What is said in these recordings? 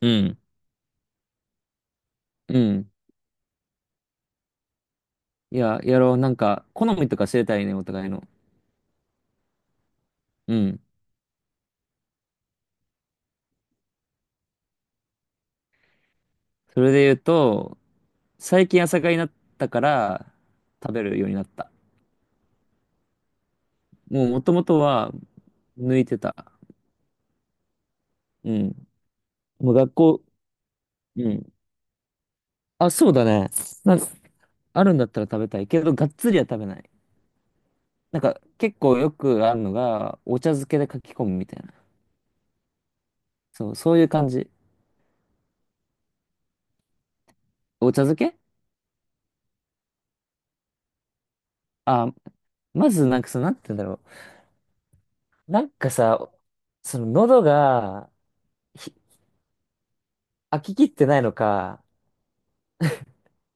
うん。うん。いや、やろう。なんか、好みとか知れたいね、お互いの。うん。それで言うと、最近朝霞になったから、食べるようになった。もう、元々は、抜いてた。うん。もう学校、うん。あ、そうだね。なんか、あるんだったら食べたいけど、がっつりは食べない。なんか、結構よくあるのが、お茶漬けで書き込むみたいな。そう、そういう感じ。お茶漬け。あ、まず、なんか、なんて言うんだろう。なんかさ、喉が、ひ飽き切ってないのか、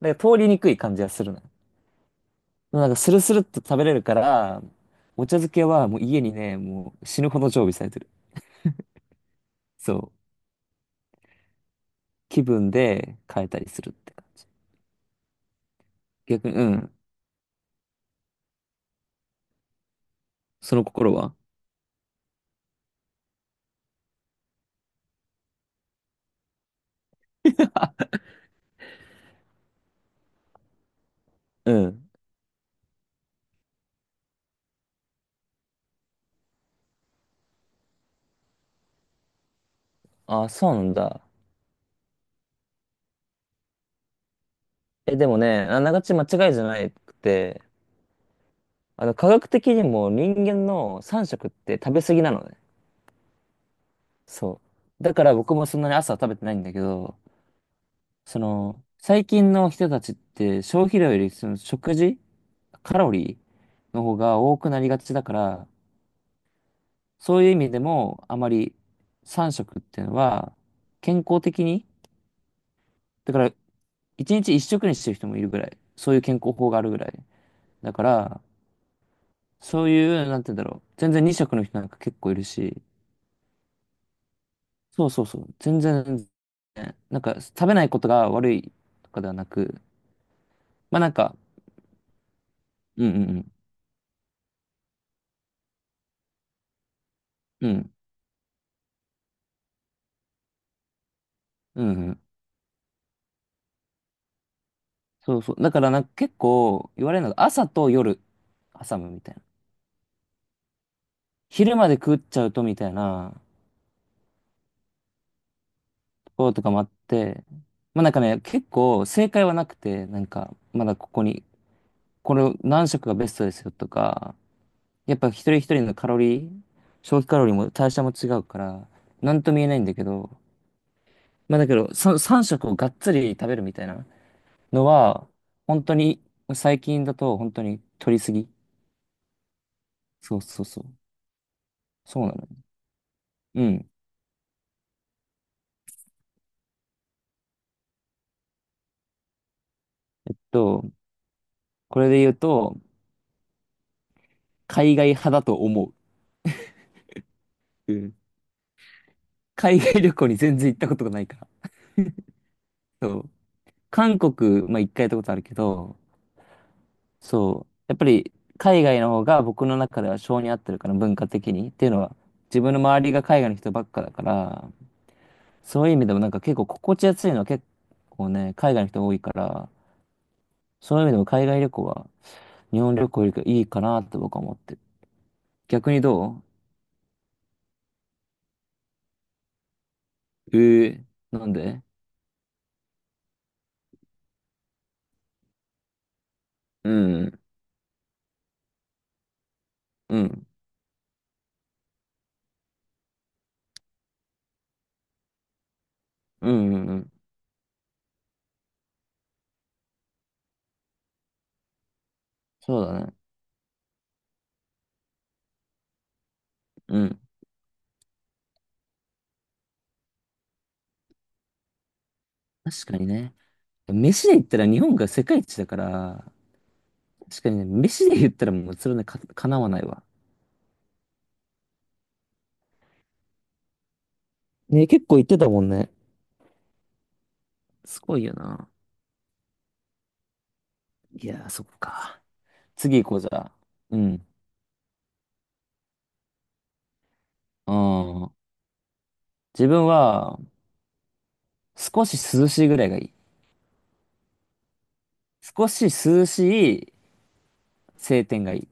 なんか通りにくい感じがするの。でもなんかスルスルっと食べれるから、お茶漬けはもう家にね、もう死ぬほど常備されてる。そう。気分で変えたりするって感じ。逆に、うん。その心は？ うん。あ、そうなんだ。え、でもね、あながち間違いじゃなくて、科学的にも人間の3食って食べ過ぎなのね。そう。だから僕もそんなに朝は食べてないんだけど、最近の人たちって消費量よりその食事、カロリーの方が多くなりがちだから、そういう意味でもあまり3食っていうのは健康的に、だから1日1食にしてる人もいるぐらい、そういう健康法があるぐらい。だから、そういう、なんて言うんだろう、全然2食の人なんか結構いるし、そうそうそう、全然、なんか食べないことが悪いとかではなく、まあなんか、うんうんうん、うん、うん、そうそう。だからなんか結構言われるのが朝と夜挟むみたいな。昼まで食っちゃうとみたいなところとかもあって、まあなんかね、結構正解はなくて、なんかまだここに、これを何食がベストですよとか、やっぱ一人一人のカロリー、消費カロリーも代謝も違うから、なんとも言えないんだけど、まあだけど、3食をがっつり食べるみたいなのは、本当に最近だと本当に取りすぎ。そうそうそう。そうなの。うん。とこれで言うと、海外派だと思う。うん。海外旅行に全然行ったことがないから。そう。韓国、まあ一回行ったことあるけど、そう。やっぱり海外の方が僕の中では性に合ってるから、文化的に。っていうのは、自分の周りが海外の人ばっかだから、そういう意味でもなんか結構心地やすいのは結構ね、海外の人多いから、そういう意味でも海外旅行は日本旅行よりいいかなって僕は思ってる。逆にどうえー、なんで？うん。うん。うんうんうん、そうだね。うん。確かにね。飯で言ったら日本が世界一だから、確かにね、飯で言ったらもうそれね、かなわないわ。ね、結構言ってたもんね。すごいよな。いやー、そっか。次行こうじゃあ。うん。ああ。自分は、少し涼しいぐらいがいい。少し涼しい晴天がいい。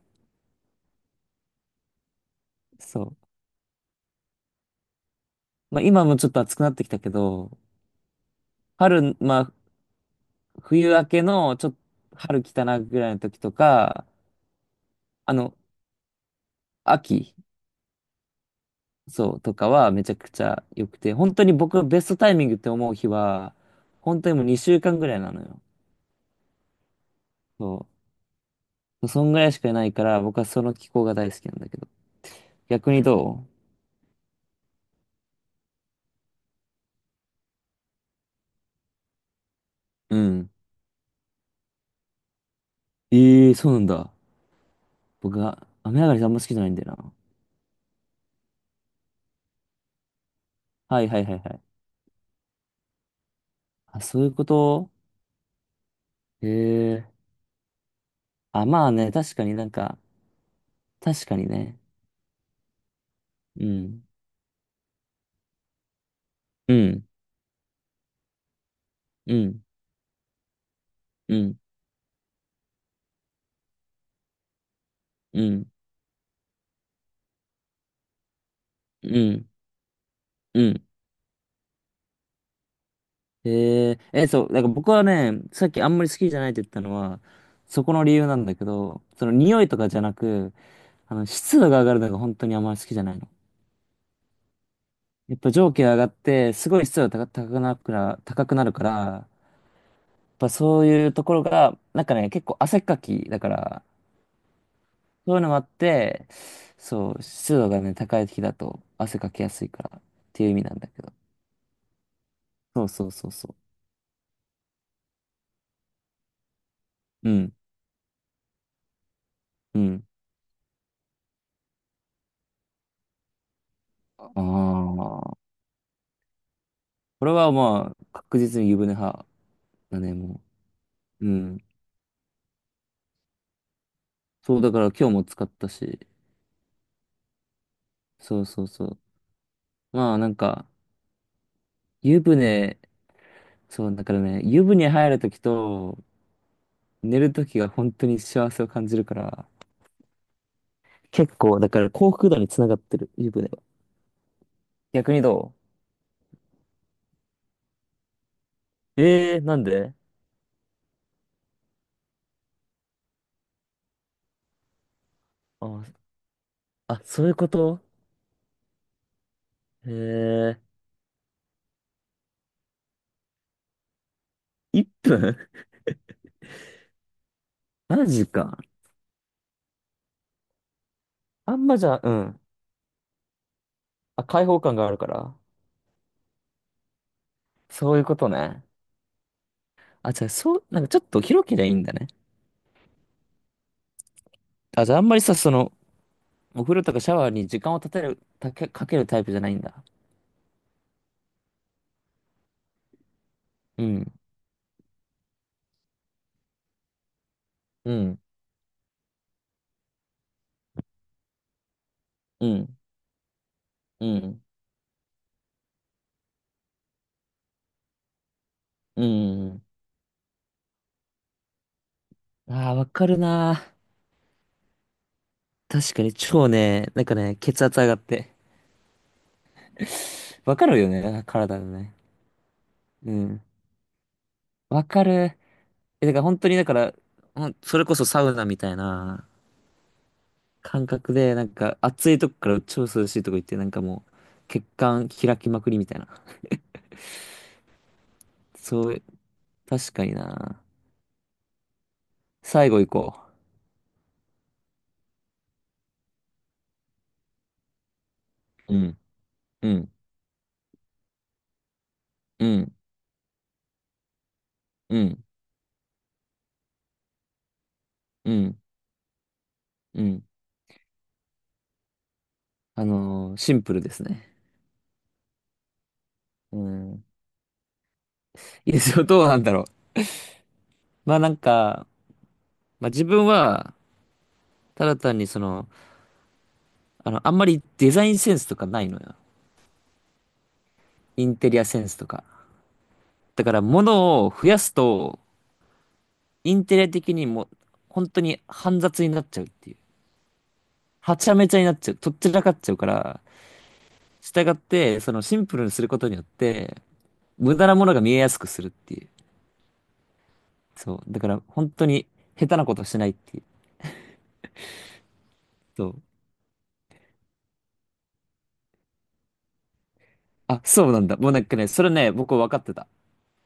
そう。まあ今もちょっと暑くなってきたけど、春、まあ冬明けのちょっと春来たなぐらいの時とか、あの、秋。そう、とかはめちゃくちゃ良くて、本当に僕ベストタイミングって思う日は、本当にもう2週間ぐらいなのよ。そう。そんぐらいしかないから、僕はその気候が大好きなんだけど。逆にどう？うん。ええー、そうなんだ。僕は雨上がりあんま好きじゃないんだよな。はいはいはいはい。あ、そういうこと？へえ。あ、まあね、確かになんか、確かにね。うん。うん。うん。うん。うん。うん。うん。そう、なんか僕はね、さっきあんまり好きじゃないって言ったのは、そこの理由なんだけど、その匂いとかじゃなく、湿度が上がるのが本当にあんまり好きじゃないの。やっぱ蒸気が上がって、すごい湿度が高くなるから、やっぱそういうところが、なんかね、結構汗っかきだから、そういうのもあって、そう、湿度がね、高い時だと汗かきやすいからっていう意味なんだけど。そうそうそうそう。うん、うん。ああ、これはまあ、確実に湯船派。だね、もう。うん。そう、だから今日も使ったし。そうそうそう。まあなんか、湯船、そう、だからね、湯船入るときと寝るときが本当に幸せを感じるから、結構、だから幸福度につながってる、湯船は。逆にどうえー、なんで？あ、あ、そういうこと？えー、1分？ マジか。あんまじゃあ、うん。あ、開放感があるから。そういうことね。あ、じゃあ、そう、なんかちょっと広けりゃいいんだね。あ、じゃあ、あんまりさ、お風呂とかシャワーに時間を立てる、たけ、かけるタイプじゃないんだ。うん、うん、うん、うん、うん。ああ、わかるな。確かに超ね、なんかね、血圧上がって。わかるよね、体のね。うん。わかる。え、だから本当に、だから、それこそサウナみたいな感覚で、なんか暑いとこから超涼しいとこ行って、なんかもう、血管開きまくりみたいな。そうう、確かにな。最後行こう。うん、うん、うん、うん、うん。うん。シンプルですね。うん。いいですよ。どうなんだろう。まあなんか、まあ自分は、ただ単にあんまりデザインセンスとかないのよ。インテリアセンスとか。だから物を増やすと、インテリア的にも、本当に煩雑になっちゃうっていう。はちゃめちゃになっちゃう。とっちらかっちゃうから、従って、そのシンプルにすることによって、無駄なものが見えやすくするっていう。そう。だから本当に下手なことしないっていう。そう。あ、そうなんだ。もうなんかね、それね、僕分かってた。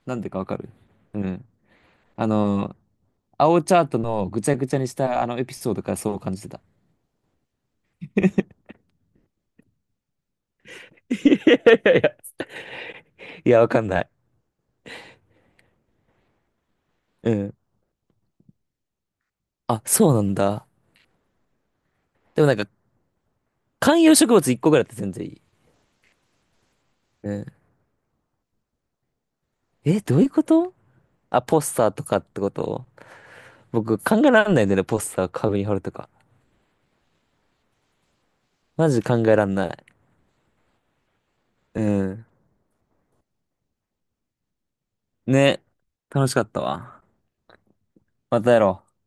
なんでか分かる？うん。あの、青チャートのぐちゃぐちゃにしたあのエピソードからそう感じてた。いやいやいや。いや、わかんない。うん。あ、そうなんだ。でもなんか、観葉植物1個ぐらいだって全然いい。うん。え、どういうこと？あ、ポスターとかってこと？僕考えらんないんだよね、ポスター壁に貼るとか。マジ考えらんない。うん。ね。楽しかったわ。またやろう。